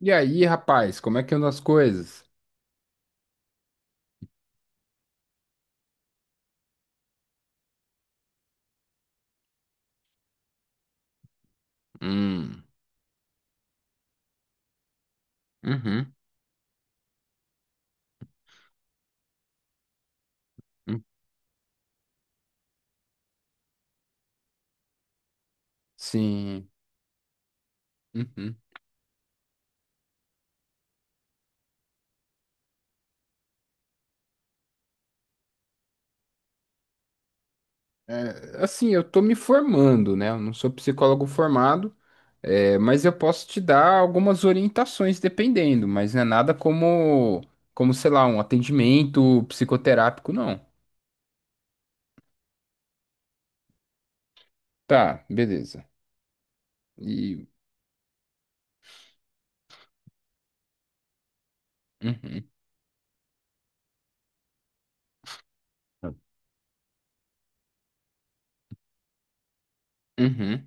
E aí, rapaz, como é que andam as coisas? Hum. Uhum. Hum. Sim. Uhum. Assim, eu tô me formando, né? Eu não sou psicólogo formado, mas eu posso te dar algumas orientações dependendo, mas não é nada como, sei lá, um atendimento psicoterápico, não. Tá, beleza. E. Uhum, uhum,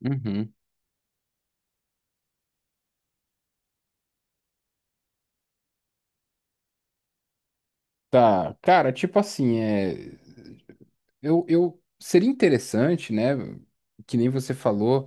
uhum. Tá, cara, tipo assim, eu seria interessante, né? Que nem você falou.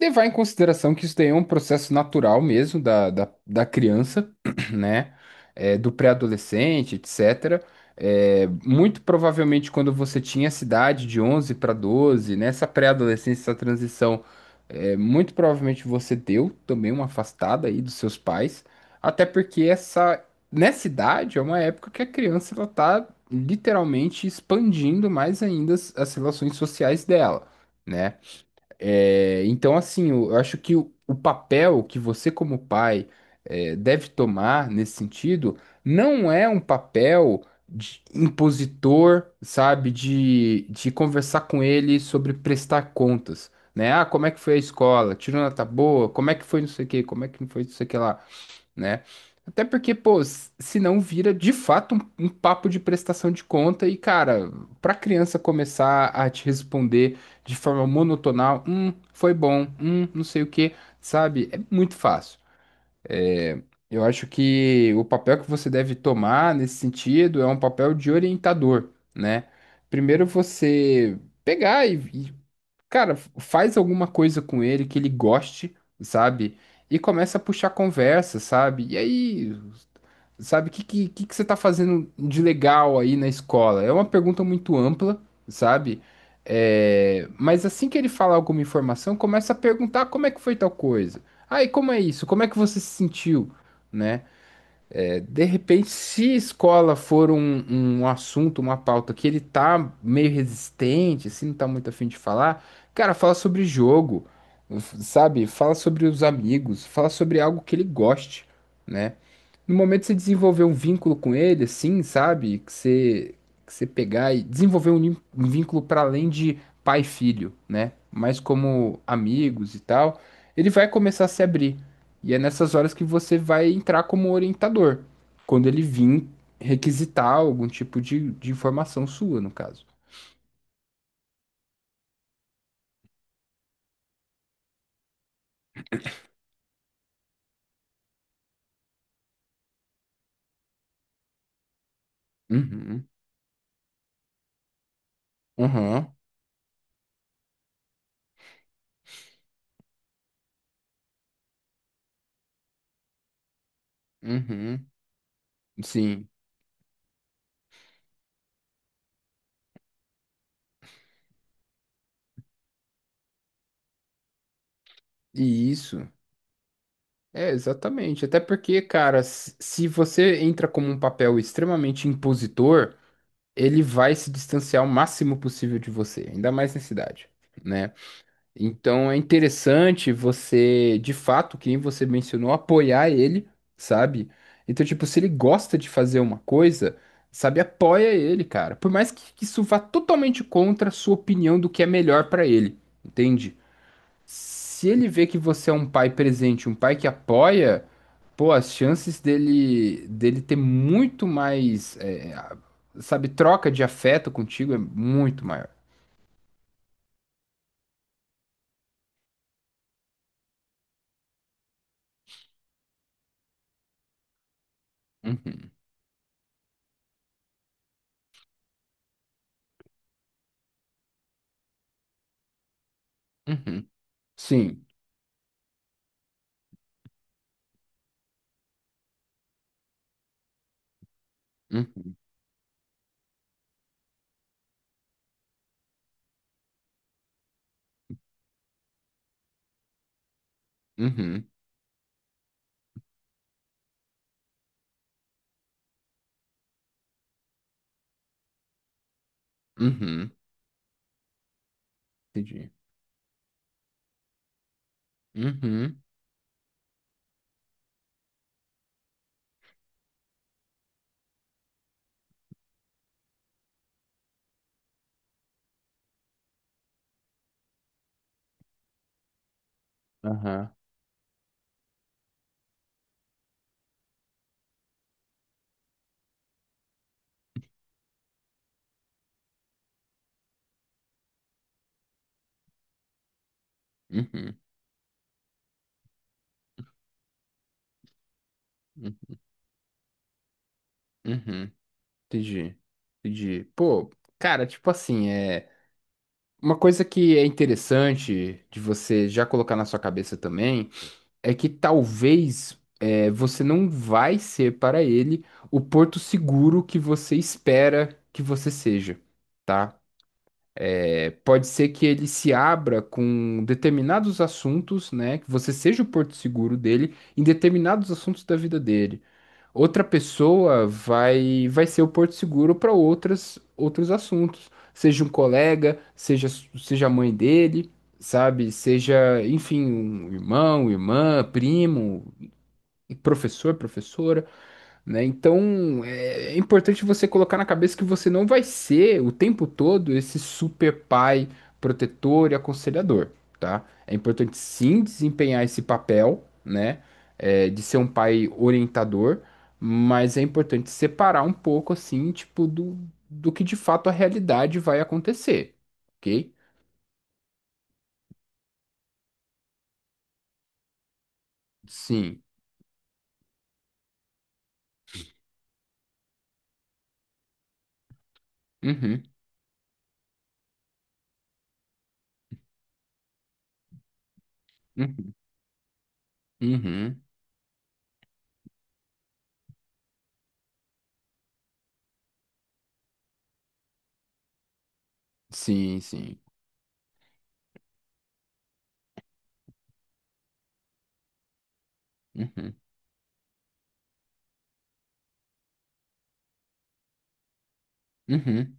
Levar em consideração que isso daí é um processo natural mesmo da criança, né? É, do pré-adolescente, etc. É, muito provavelmente quando você tinha essa idade de 11 para 12, nessa pré-adolescência, essa transição, é, muito provavelmente você deu também uma afastada aí dos seus pais, até porque nessa idade é uma época que a criança ela tá literalmente expandindo mais ainda as relações sociais dela, né? É, então, assim, eu acho que o papel que você, como pai, deve tomar nesse sentido não é um papel de impositor, sabe, de conversar com ele sobre prestar contas, né? Ah, como é que foi a escola? Tirou nota boa? Como é que foi não sei o quê? Como é que não foi não sei o que lá? Né? Até porque, pô, se não vira de fato um papo de prestação de conta e, cara, pra criança começar a te responder de forma monotonal, foi bom, não sei o quê, sabe? É muito fácil. Eu acho que o papel que você deve tomar nesse sentido é um papel de orientador, né? Primeiro você pegar e, cara, faz alguma coisa com ele que ele goste, sabe? E começa a puxar conversa, sabe? E aí sabe? O que que você está fazendo de legal aí na escola? É uma pergunta muito ampla, sabe? É, mas assim que ele fala alguma informação, começa a perguntar como é que foi tal coisa. Ah, e como é isso? Como é que você se sentiu? Né? De repente, se escola for um assunto, uma pauta que ele tá meio resistente, assim, não tá muito afim de falar, cara, fala sobre jogo, sabe? Fala sobre os amigos, fala sobre algo que ele goste, né? No momento que você desenvolver um vínculo com ele, assim, sabe? Que você pegar e desenvolver um vínculo para além de pai e filho, né? Mas como amigos e tal, ele vai começar a se abrir. E é nessas horas que você vai entrar como orientador quando ele vir requisitar algum tipo de informação sua, no caso. Uhum, uhum, uhum, sim, e isso. É, exatamente. Até porque, cara, se você entra como um papel extremamente impositor, ele vai se distanciar o máximo possível de você, ainda mais nessa idade, né? Então é interessante você, de fato, quem você mencionou, apoiar ele, sabe? Então, tipo, se ele gosta de fazer uma coisa, sabe, apoia ele, cara. Por mais que isso vá totalmente contra a sua opinião do que é melhor pra ele, entende? Se ele vê que você é um pai presente, um pai que apoia, pô, as chances dele ter muito mais, sabe, troca de afeto contigo é muito maior. Uhum, uhum. Sim. Uhum. Uhum, uhum, entendi. Uhum, aham, uhum, uhum, uhum, entendi, entendi. Pô, cara, tipo assim, é uma coisa que é interessante de você já colocar na sua cabeça também é que talvez você não vai ser para ele o porto seguro que você espera que você seja, tá? Pode ser que ele se abra com determinados assuntos, né? Que você seja o porto seguro dele em determinados assuntos da vida dele. Outra pessoa vai ser o porto seguro para outras outros assuntos, seja um colega, seja a mãe dele, sabe? Seja, enfim, um irmão, irmã, primo, professor, professora, né? Então, é importante você colocar na cabeça que você não vai ser o tempo todo esse super pai protetor e aconselhador, tá? É importante sim desempenhar esse papel, né? De ser um pai orientador, mas é importante separar um pouco, assim, tipo, do que de fato a realidade vai acontecer, ok? Sim. Uhum. Uhum. Uhum. Sim, sim. Uhum. Uhum.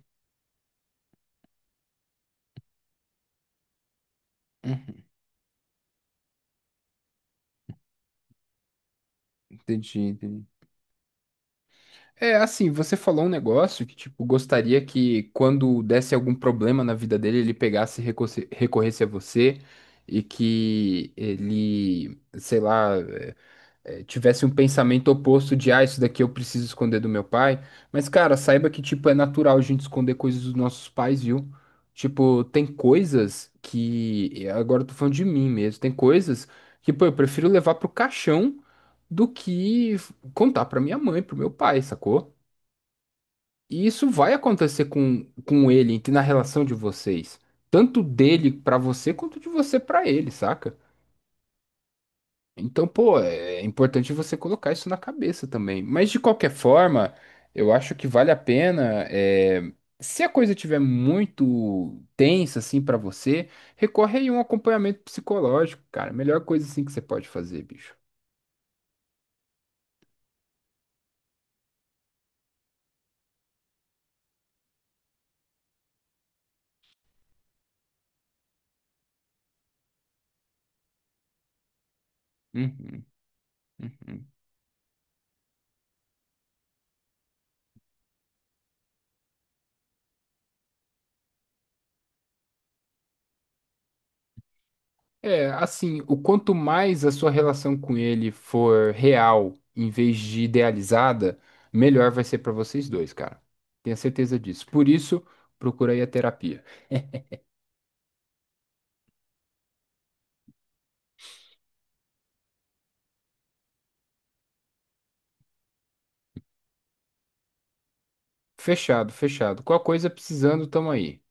Uhum. Entendi, entendi. É assim, você falou um negócio que, tipo, gostaria que quando desse algum problema na vida dele, ele pegasse e recorresse a você e que ele, sei lá, tivesse um pensamento oposto de, ah, isso daqui eu preciso esconder do meu pai. Mas, cara, saiba que, tipo, é natural a gente esconder coisas dos nossos pais, viu? Tipo, tem coisas que, agora eu tô falando de mim mesmo, tem coisas que, pô, eu prefiro levar pro caixão do que contar pra minha mãe, pro meu pai, sacou? E isso vai acontecer com ele, na relação de vocês. Tanto dele pra você, quanto de você pra ele, saca? Então, pô, é importante você colocar isso na cabeça também. Mas de qualquer forma, eu acho que vale a pena. Se a coisa estiver muito tensa, assim, pra você, recorre aí a um acompanhamento psicológico, cara. Melhor coisa, assim, que você pode fazer, bicho. Uhum, uhum. É, assim, o quanto mais a sua relação com ele for real em vez de idealizada, melhor vai ser pra vocês dois, cara. Tenha certeza disso. Por isso, procura aí a terapia. Fechado, fechado. Qual coisa precisando, tamo aí.